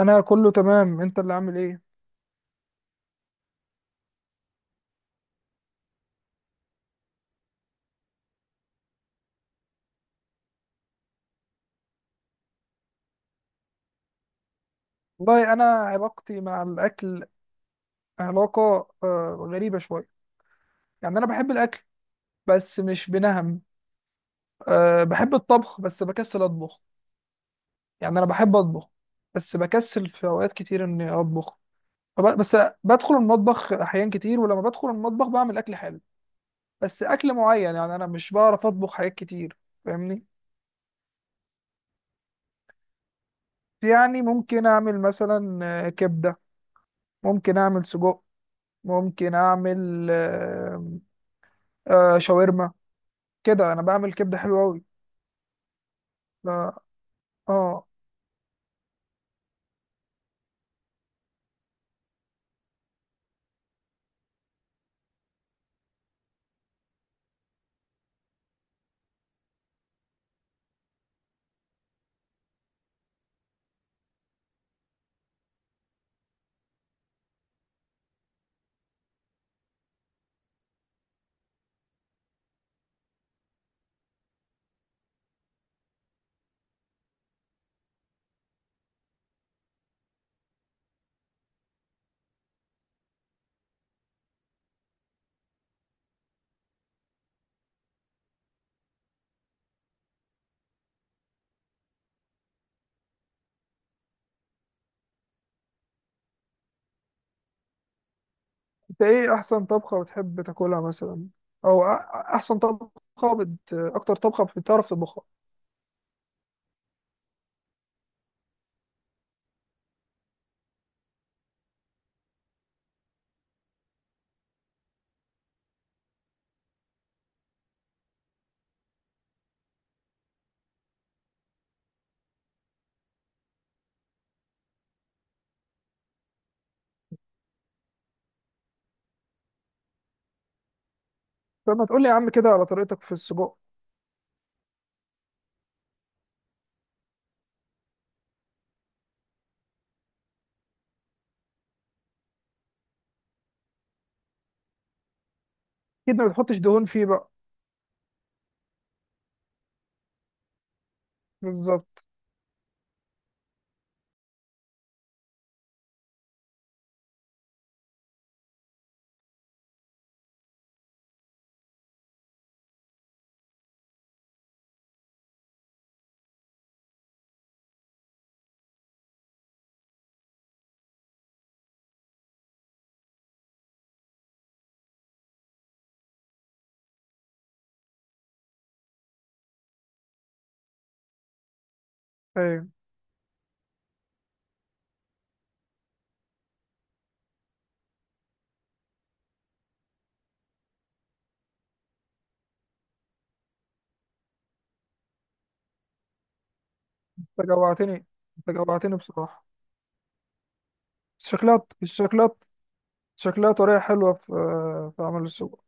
انا كله تمام، انت اللي عامل ايه؟ والله انا علاقتي مع الاكل علاقه غريبه شويه. يعني انا بحب الاكل بس مش بنهم. بحب الطبخ بس بكسل اطبخ. يعني انا بحب اطبخ بس بكسل في اوقات كتير اني اطبخ. بس بدخل المطبخ احيان كتير، ولما بدخل المطبخ بعمل اكل حلو، بس اكل معين. يعني انا مش بعرف اطبخ حاجات كتير، فاهمني؟ يعني ممكن اعمل مثلا كبده، ممكن اعمل سجق، ممكن اعمل آه شاورما. كده انا بعمل كبده حلوه قوي. لا، اه. انت ايه احسن طبخه بتحب تاكلها مثلا، احسن طبخه اكتر طبخه بتعرف تطبخها؟ فما تقول لي يا عم كده على طريقتك في السجق. اكيد ما بتحطش دهون فيه بقى؟ بالظبط. ايوه. انت جوعتني، انت جوعتني بصراحه. بس شكلها، شكلها، شكلها طريقه حلوه في في عمل السجق.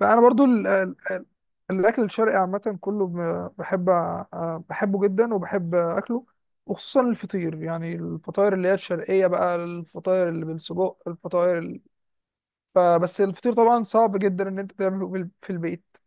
بقى انا برضو الاكل الشرقي عامه كله بحب بحبه جدا وبحب اكله، وخصوصا الفطير، يعني الفطاير اللي هي الشرقيه بقى، الفطاير اللي بالسجق، بس الفطير طبعا صعب جدا ان انت تعمله في البيت.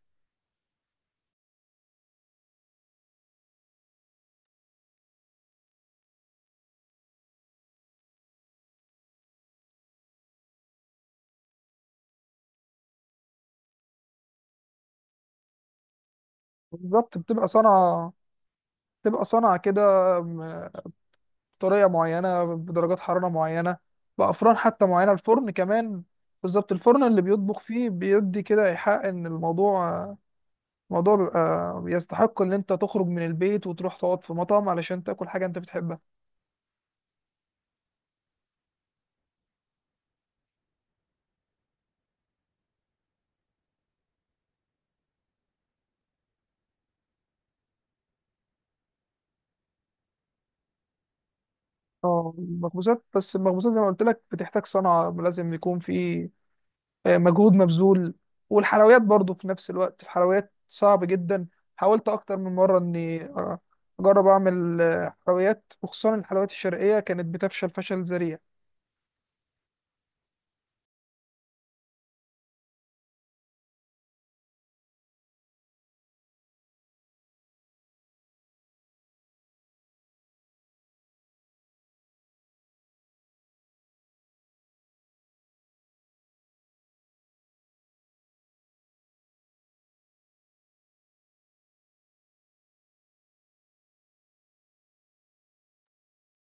بالظبط، بتبقى صنعه، بتبقى صنعه كده، م- بطريقه معينه، بدرجات حراره معينه، بافران حتى معينه، الفرن كمان. بالظبط، الفرن اللي بيطبخ فيه بيدي كده ايحاء ان الموضوع بيبقى بيستحق ان انت تخرج من البيت وتروح تقعد في مطعم علشان تاكل حاجه انت بتحبها. اه، المخبوزات، بس المخبوزات زي ما قلت لك بتحتاج صنعه، لازم يكون في مجهود مبذول. والحلويات برضو في نفس الوقت، الحلويات صعب جدا. حاولت اكتر من مره اني اجرب اعمل حلويات، وخصوصا الحلويات الشرقيه، كانت بتفشل فشل ذريع.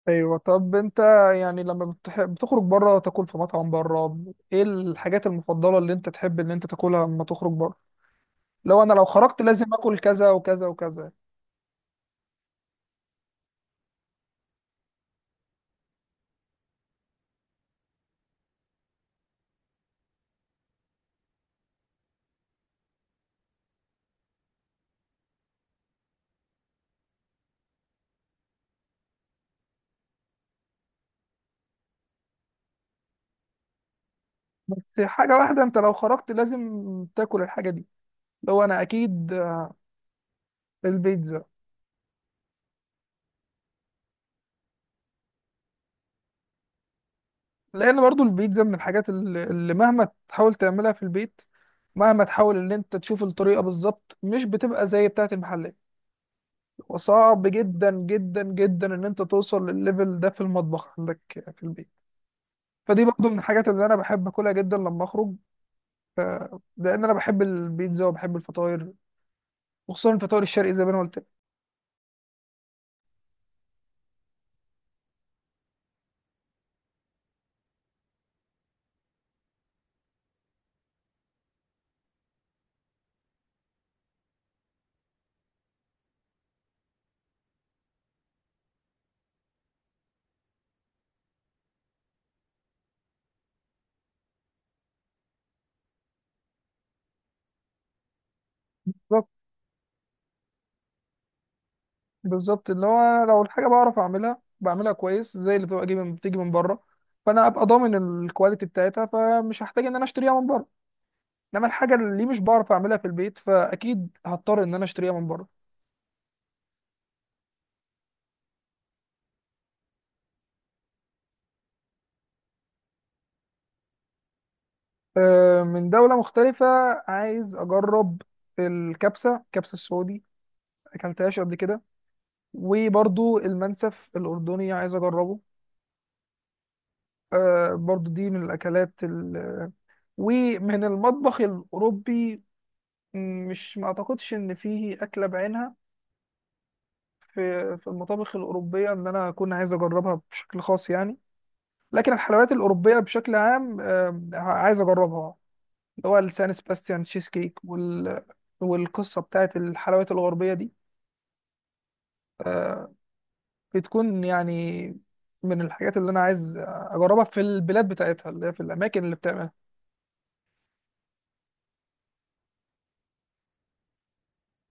ايوه. طب انت يعني لما بتخرج بره تاكل في مطعم بره، ايه الحاجات المفضله اللي انت تحب ان انت تاكلها لما تخرج بره؟ لو انا، لو خرجت لازم اكل كذا وكذا وكذا. في حاجه واحده انت لو خرجت لازم تاكل الحاجه دي؟ لو انا اكيد البيتزا. لان برضو البيتزا من الحاجات اللي مهما تحاول تعملها في البيت، مهما تحاول ان انت تشوف الطريقه بالظبط، مش بتبقى زي بتاعه المحلات. وصعب جدا جدا جدا ان انت توصل للليفل ده في المطبخ عندك في البيت. فدي برضو من الحاجات اللي انا بحب اكلها جدا لما اخرج، لان انا بحب البيتزا وبحب الفطاير، وخصوصا الفطاير الشرقي زي ما انا قلت لك. بالظبط، اللي هو أنا لو الحاجه بعرف اعملها بعملها كويس زي اللي بتبقى جاي من بتيجي من بره، فانا ابقى ضامن الكواليتي بتاعتها، فمش هحتاج ان انا اشتريها من بره. انما الحاجه اللي مش بعرف اعملها في البيت، فاكيد هضطر ان انا اشتريها من بره. من دوله مختلفه عايز اجرب الكبسه، الكبسه السعودي، اكلتهاش قبل كده. وبرضو المنسف الاردني عايز اجربه. برضو دي من ومن المطبخ الاوروبي، مش، ما اعتقدش ان فيه اكله بعينها في المطابخ الأوروبية إن أنا أكون عايز أجربها بشكل خاص يعني. لكن الحلويات الأوروبية بشكل عام عايز أجربها، اللي هو السان سباستيان تشيز كيك والقصة بتاعت الحلويات الغربية دي بتكون يعني من الحاجات اللي أنا عايز أجربها في البلاد بتاعتها اللي هي في الأماكن اللي بتعملها.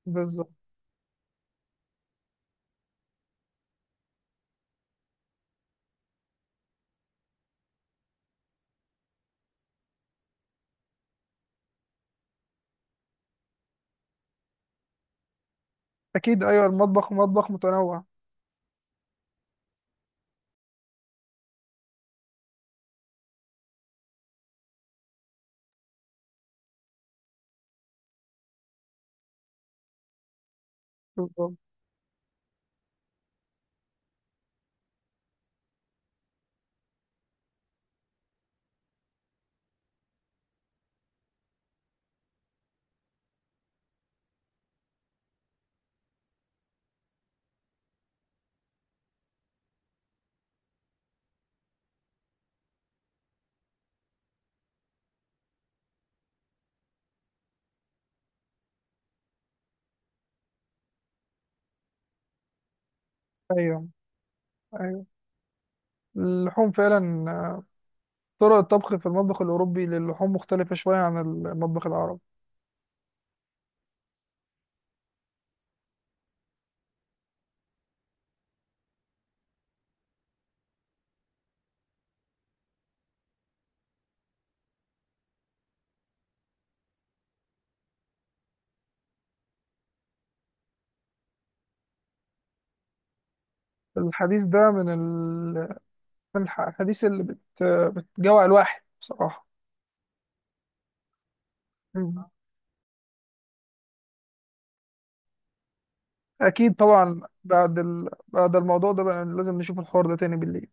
بالظبط، أكيد، أيوه المطبخ مطبخ متنوع. بالظبط. أيوه، أيوه، اللحوم فعلا، طرق الطبخ في المطبخ الأوروبي للحوم مختلفة شوية عن المطبخ العربي. الحديث ده من الحديث بتجوع الواحد بصراحة. مم. أكيد طبعا، بعد بعد الموضوع ده بقى لازم نشوف الحوار ده تاني بالليل.